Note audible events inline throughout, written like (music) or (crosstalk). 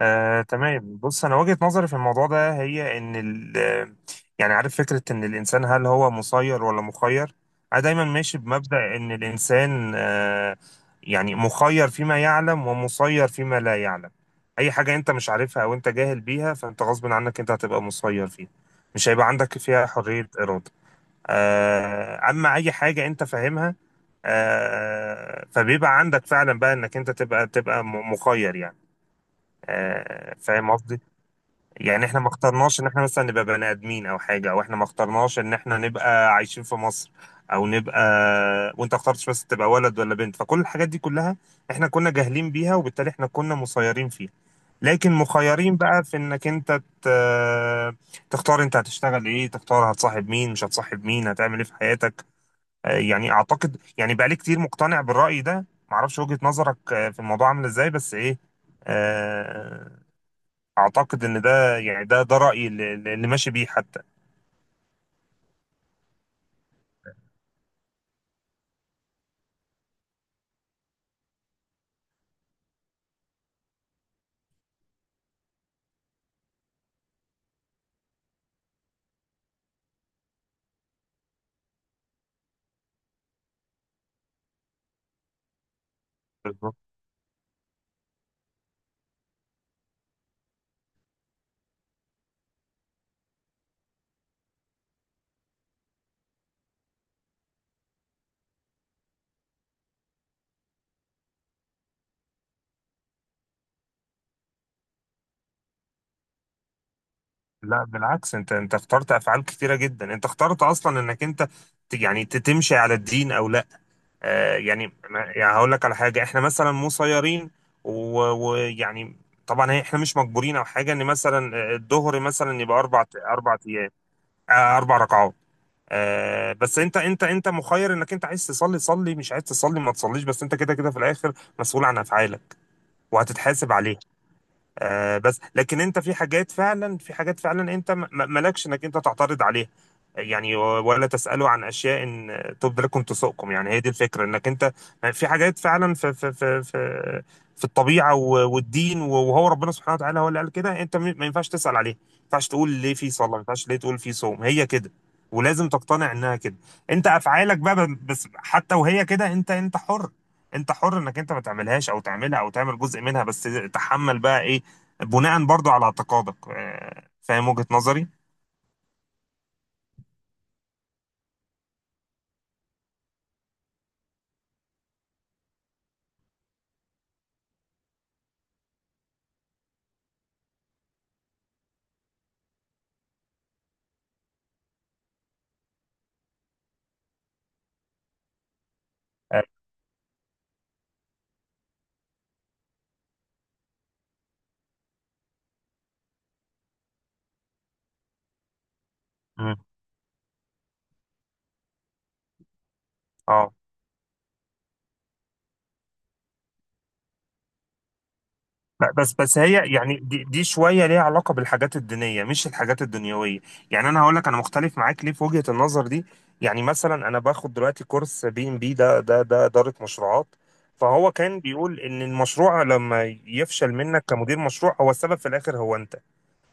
تمام، بص انا وجهة نظري في الموضوع ده هي ان ال يعني عارف فكرة ان الانسان هل هو مسير ولا مخير. انا دايما ماشي بمبدأ ان الانسان يعني مخير فيما يعلم ومسير فيما لا يعلم. اي حاجة انت مش عارفها او انت جاهل بيها فانت غصب عنك انت هتبقى مسير فيها، مش هيبقى عندك فيها حرية ارادة. اما اي حاجة انت فاهمها، فبيبقى عندك فعلا بقى انك انت مخير يعني. فاهم قصدي؟ يعني احنا ما اخترناش ان احنا مثلا نبقى بني ادمين او حاجه، او احنا ما اخترناش ان احنا نبقى عايشين في مصر او نبقى، وانت اخترتش بس تبقى ولد ولا بنت، فكل الحاجات دي كلها احنا كنا جاهلين بيها، وبالتالي احنا كنا مسيرين فيها. لكن مخيرين بقى في انك انت تختار انت هتشتغل ايه، تختار هتصاحب مين، مش هتصاحب مين، هتعمل ايه في حياتك. يعني اعتقد يعني بقالي كتير مقتنع بالرأي ده. معرفش وجهة نظرك في الموضوع عامل ازاي بس ايه. آه، اعتقد ان ده يعني ده رايي اللي ماشي بيه حتى. بالظبط. لا بالعكس، انت اخترت افعال كتيره جدا، انت اخترت اصلا انك انت تمشي على الدين او لا. يعني يعني هقول لك على حاجه احنا مثلا مسيرين. و- ويعني طبعا احنا مش مجبورين او حاجه ان مثلا الظهر مثلا يبقى اربع ايام. اربع ركعات. بس انت مخير انك انت عايز تصلي صلي، مش عايز تصلي ما تصليش، بس انت كده كده في الاخر مسؤول عن افعالك. وهتتحاسب عليها. بس لكن انت في حاجات فعلا، انت مالكش انك انت تعترض عليها. يعني ولا تسأله عن اشياء ان تبدو لكم تسؤكم. يعني هي دي الفكرة انك انت في حاجات فعلا في الطبيعة والدين، وهو ربنا سبحانه وتعالى هو اللي قال كده، انت ما ينفعش تسأل عليها، ما ينفعش تقول ليه في صلاة، ما ينفعش ليه تقول في صوم، هي كده. ولازم تقتنع انها كده. انت افعالك بقى بس حتى وهي كده انت حر. انت حر انك انت ما تعملهاش او تعملها او تعمل جزء منها، بس تحمل بقى ايه بناء برضو على اعتقادك. فاهم وجهة نظري؟ اه. مم. آه. لا، بس هي يعني دي شويه ليها علاقه بالحاجات الدينيه مش الحاجات الدنيويه. يعني انا هقول لك انا مختلف معاك ليه في وجهه النظر دي. يعني مثلا انا باخد دلوقتي كورس بي ام بي ده، ده اداره مشروعات. فهو كان بيقول ان المشروع لما يفشل منك كمدير مشروع، هو السبب في الاخر هو انت.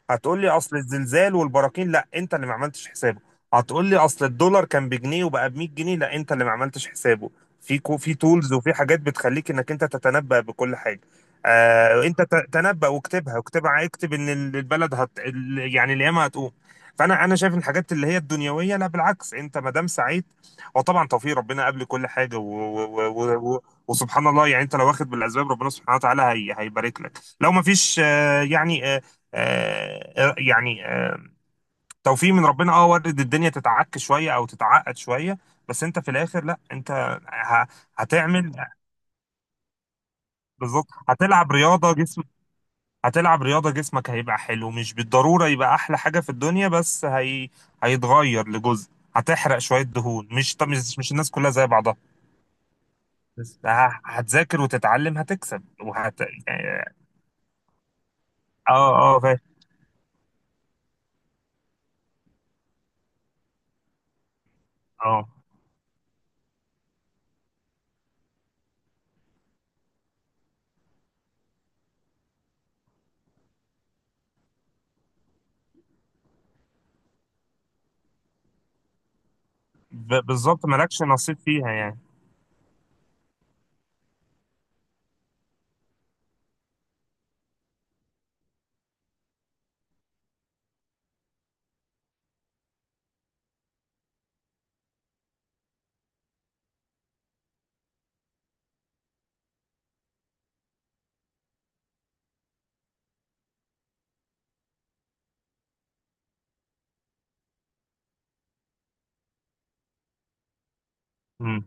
هتقول لي اصل الزلزال والبراكين، لا انت اللي ما عملتش حسابه. هتقول لي اصل الدولار كان بجنيه وبقى ب 100 جنيه، لا انت اللي ما عملتش حسابه. في في تولز وفي حاجات بتخليك انك انت تتنبأ بكل حاجه. انت تنبأ واكتبها واكتبها، اكتب ان البلد يعني القيامه هتقوم. فانا شايف إن الحاجات اللي هي الدنيويه لا بالعكس، انت ما دام سعيد وطبعا توفيق ربنا قبل كل حاجه، و و و و وسبحان الله يعني، انت لو واخد بالاسباب ربنا سبحانه وتعالى هيبارك لك. لو ما فيش يعني يعني توفيق من ربنا، اه وارد الدنيا تتعك شويه او تتعقد شويه، بس انت في الاخر لا انت ه- هتعمل. بالظبط. هتلعب رياضه جسمك. هتلعب رياضه جسمك هيبقى حلو، مش بالضروره يبقى احلى حاجه في الدنيا بس هي هيتغير لجزء. هتحرق شويه دهون. مش الناس كلها زي بعضها. بس هتذاكر وتتعلم، هتكسب وهت اه اه، فاهم، اه. بالظبط مالكش نصيب فيها. يعني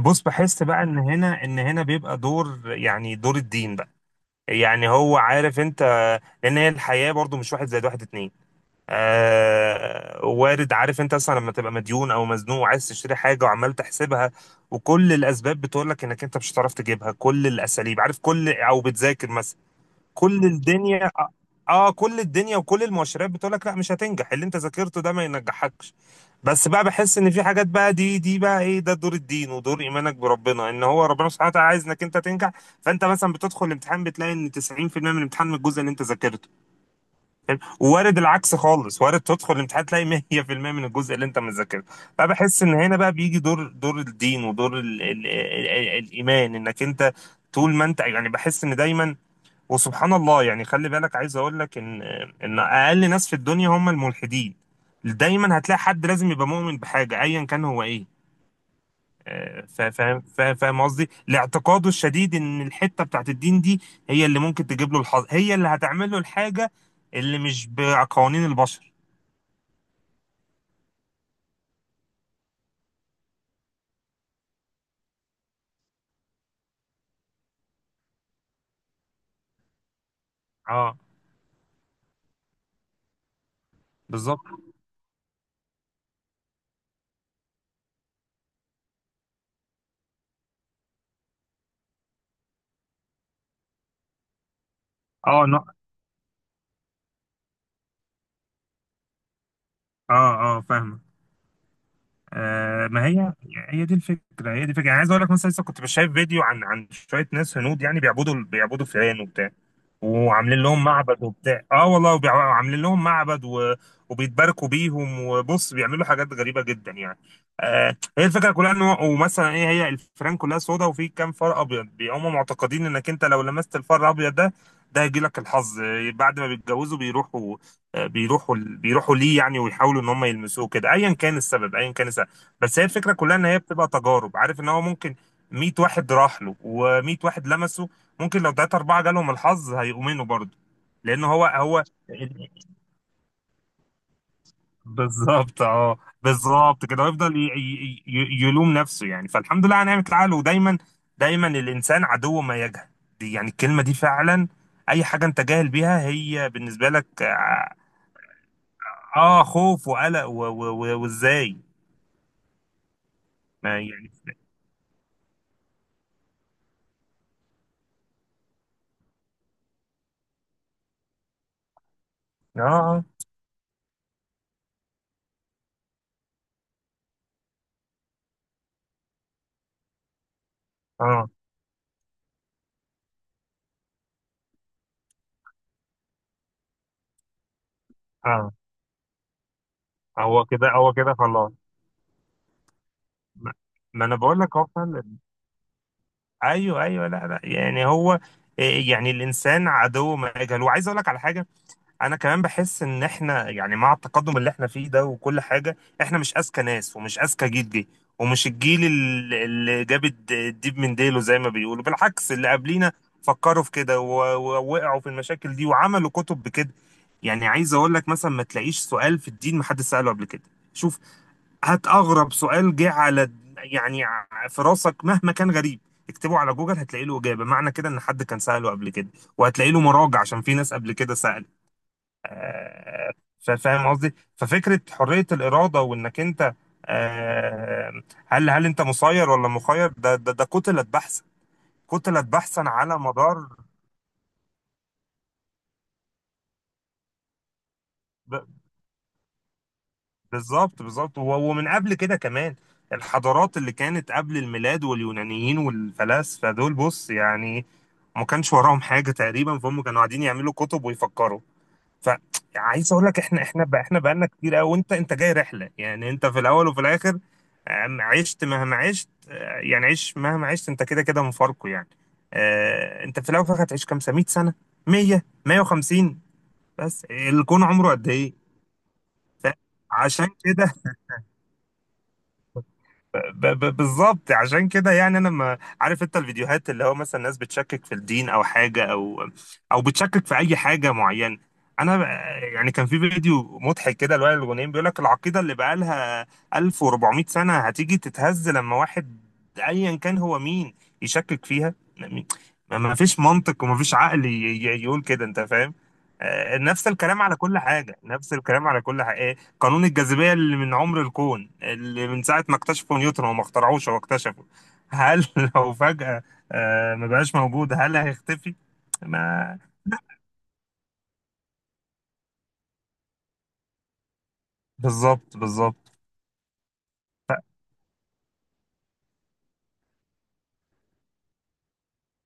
بص بحس بقى ان هنا بيبقى دور، يعني دور الدين بقى. يعني هو عارف انت، لان هي الحياة برضو مش واحد زائد واحد اتنين. وارد. عارف انت اصلا لما تبقى مديون او مزنوق وعايز تشتري حاجة وعمال تحسبها، وكل الاسباب بتقول لك انك انت مش هتعرف تجيبها، كل الاساليب عارف كل، او بتذاكر مثلا. كل الدنيا اه كل الدنيا وكل المؤشرات بتقول لك لا، مش هتنجح، اللي انت ذاكرته ده ما ينجحكش. بس بقى بحس ان في حاجات بقى، دي بقى ايه، ده دور الدين ودور ايمانك بربنا، ان هو ربنا سبحانه وتعالى عايز انك انت تنجح. فانت مثلا بتدخل الامتحان بتلاقي ان 90% من الامتحان من الجزء اللي انت ذاكرته. فاهم؟ ووارد العكس خالص. وارد تدخل الامتحان تلاقي 100% من الجزء اللي انت مذاكرته. فبحس ان هنا بقى بيجي دور الدين ودور ال ال ال ال الايمان انك انت طول ما انت يعني، بحس ان دايما، وسبحان الله يعني، خلي بالك عايز اقول لك ان اقل ناس في الدنيا هم الملحدين. دايما هتلاقي حد لازم يبقى مؤمن بحاجه ايا كان هو ايه. فاهم قصدي لاعتقاده الشديد ان الحته بتاعت الدين دي هي اللي ممكن تجيب له الحظ، هي اللي هتعمل له الحاجه اللي مش بقوانين البشر. اه بالظبط، اه، لا، اه، اه، فاهمه. ما هي، هي دي الفكره، يعني عايز اقول لك مثلا لسه كنت شايف فيديو عن شويه ناس هنود يعني بيعبدوا فئران وبتاع، وعاملين لهم معبد وبتاع. اه والله وبيع- وعاملين لهم معبد و... وبيتباركوا بيهم، وبص بيعملوا حاجات غريبة جدا يعني. هي الفكرة كلها ان هو، ومثلا ايه، هي الفيران كلها سودا وفي كام فار ابيض. هم معتقدين انك انت لو لمست الفار الابيض ده، هيجي لك الحظ. بعد ما بيتجوزوا بيروحوا، بيروحوا ليه يعني، ويحاولوا ان هم يلمسوه كده، ايا كان السبب، ايا كان السبب. بس هي الفكرة كلها ان هي بتبقى تجارب، عارف ان هو ممكن 100 واحد راح له و100 واحد لمسه، ممكن لو تلاتة أربعة جالهم الحظ هيؤمنوا برضه. لأن هو هو بالظبط، اه بالظبط كده، ويفضل يلوم نفسه يعني، فالحمد لله على نعمة العقل. ودايما دايما الإنسان عدو ما يجهل. دي يعني الكلمة دي فعلا. أي حاجة أنت جاهل بيها هي بالنسبة لك خوف وقلق وإزاي. ما يعني آه آه آه آه هو كده، هو كده خلاص. ما ما أنا بقول لك هو فعلا ايوه ايوه، لا لا يعني هو إيه، يعني الانسان عدو ما يجهل. وعايز اقول لك على حاجه. انا كمان بحس ان احنا يعني، مع التقدم اللي احنا فيه ده وكل حاجه، احنا مش اذكى ناس ومش اذكى جيل جه، ومش الجيل اللي جاب الديب من ديله زي ما بيقولوا، بالعكس اللي قبلينا فكروا في كده ووقعوا في المشاكل دي، وعملوا كتب بكده. يعني عايز اقول لك مثلا ما تلاقيش سؤال في الدين ما حد سأله قبل كده. شوف، هات اغرب سؤال جه على، يعني في راسك مهما كان غريب، اكتبه على جوجل هتلاقي له اجابه، معنى كده ان حد كان سأله قبل كده، وهتلاقي له مراجع عشان في ناس قبل كده سألت. آه، فاهم قصدي؟ ففكره حريه الاراده وانك انت هل، انت مسير ولا مخير، ده كتلة بحثا، كتلة بحثا على مدار. ب- بالظبط بالظبط، ومن قبل كده كمان الحضارات اللي كانت قبل الميلاد واليونانيين والفلاسفه دول، بص يعني ما كانش وراهم حاجه تقريبا، فهم كانوا قاعدين يعملوا كتب ويفكروا. فعايز اقول لك احنا بقى، احنا بقالنا كتير قوي، وانت جاي رحله يعني، انت في الاول وفي الاخر. عشت مهما عشت آه، يعني عيش مهما عشت، انت كده كده مفارقه يعني. انت في الاول وفي الاخر هتعيش كام سنه، 100 سنه، 100، 150. بس الكون عمره قد ايه؟ فعشان كده بالظبط عشان كده. يعني انا ما عارف انت الفيديوهات اللي هو مثلا ناس بتشكك في الدين او حاجه، او بتشكك في اي حاجه معينه. انا يعني كان في فيديو مضحك كده لوائل الغنيم بيقول لك العقيده اللي بقالها 1400 سنه هتيجي تتهز لما واحد، ايا كان هو مين، يشكك فيها. ما فيش منطق وما فيش عقل يقول كده، انت فاهم؟ نفس الكلام على كل حاجه، نفس الكلام على كل حاجه. قانون الجاذبية اللي من عمر الكون، اللي من ساعة ما اكتشفوا نيوتن، وما اخترعوش هو اكتشفه. هل (laughs) لو فجأة ما بقاش موجود هل هيختفي؟ ما، بالظبط بالظبط.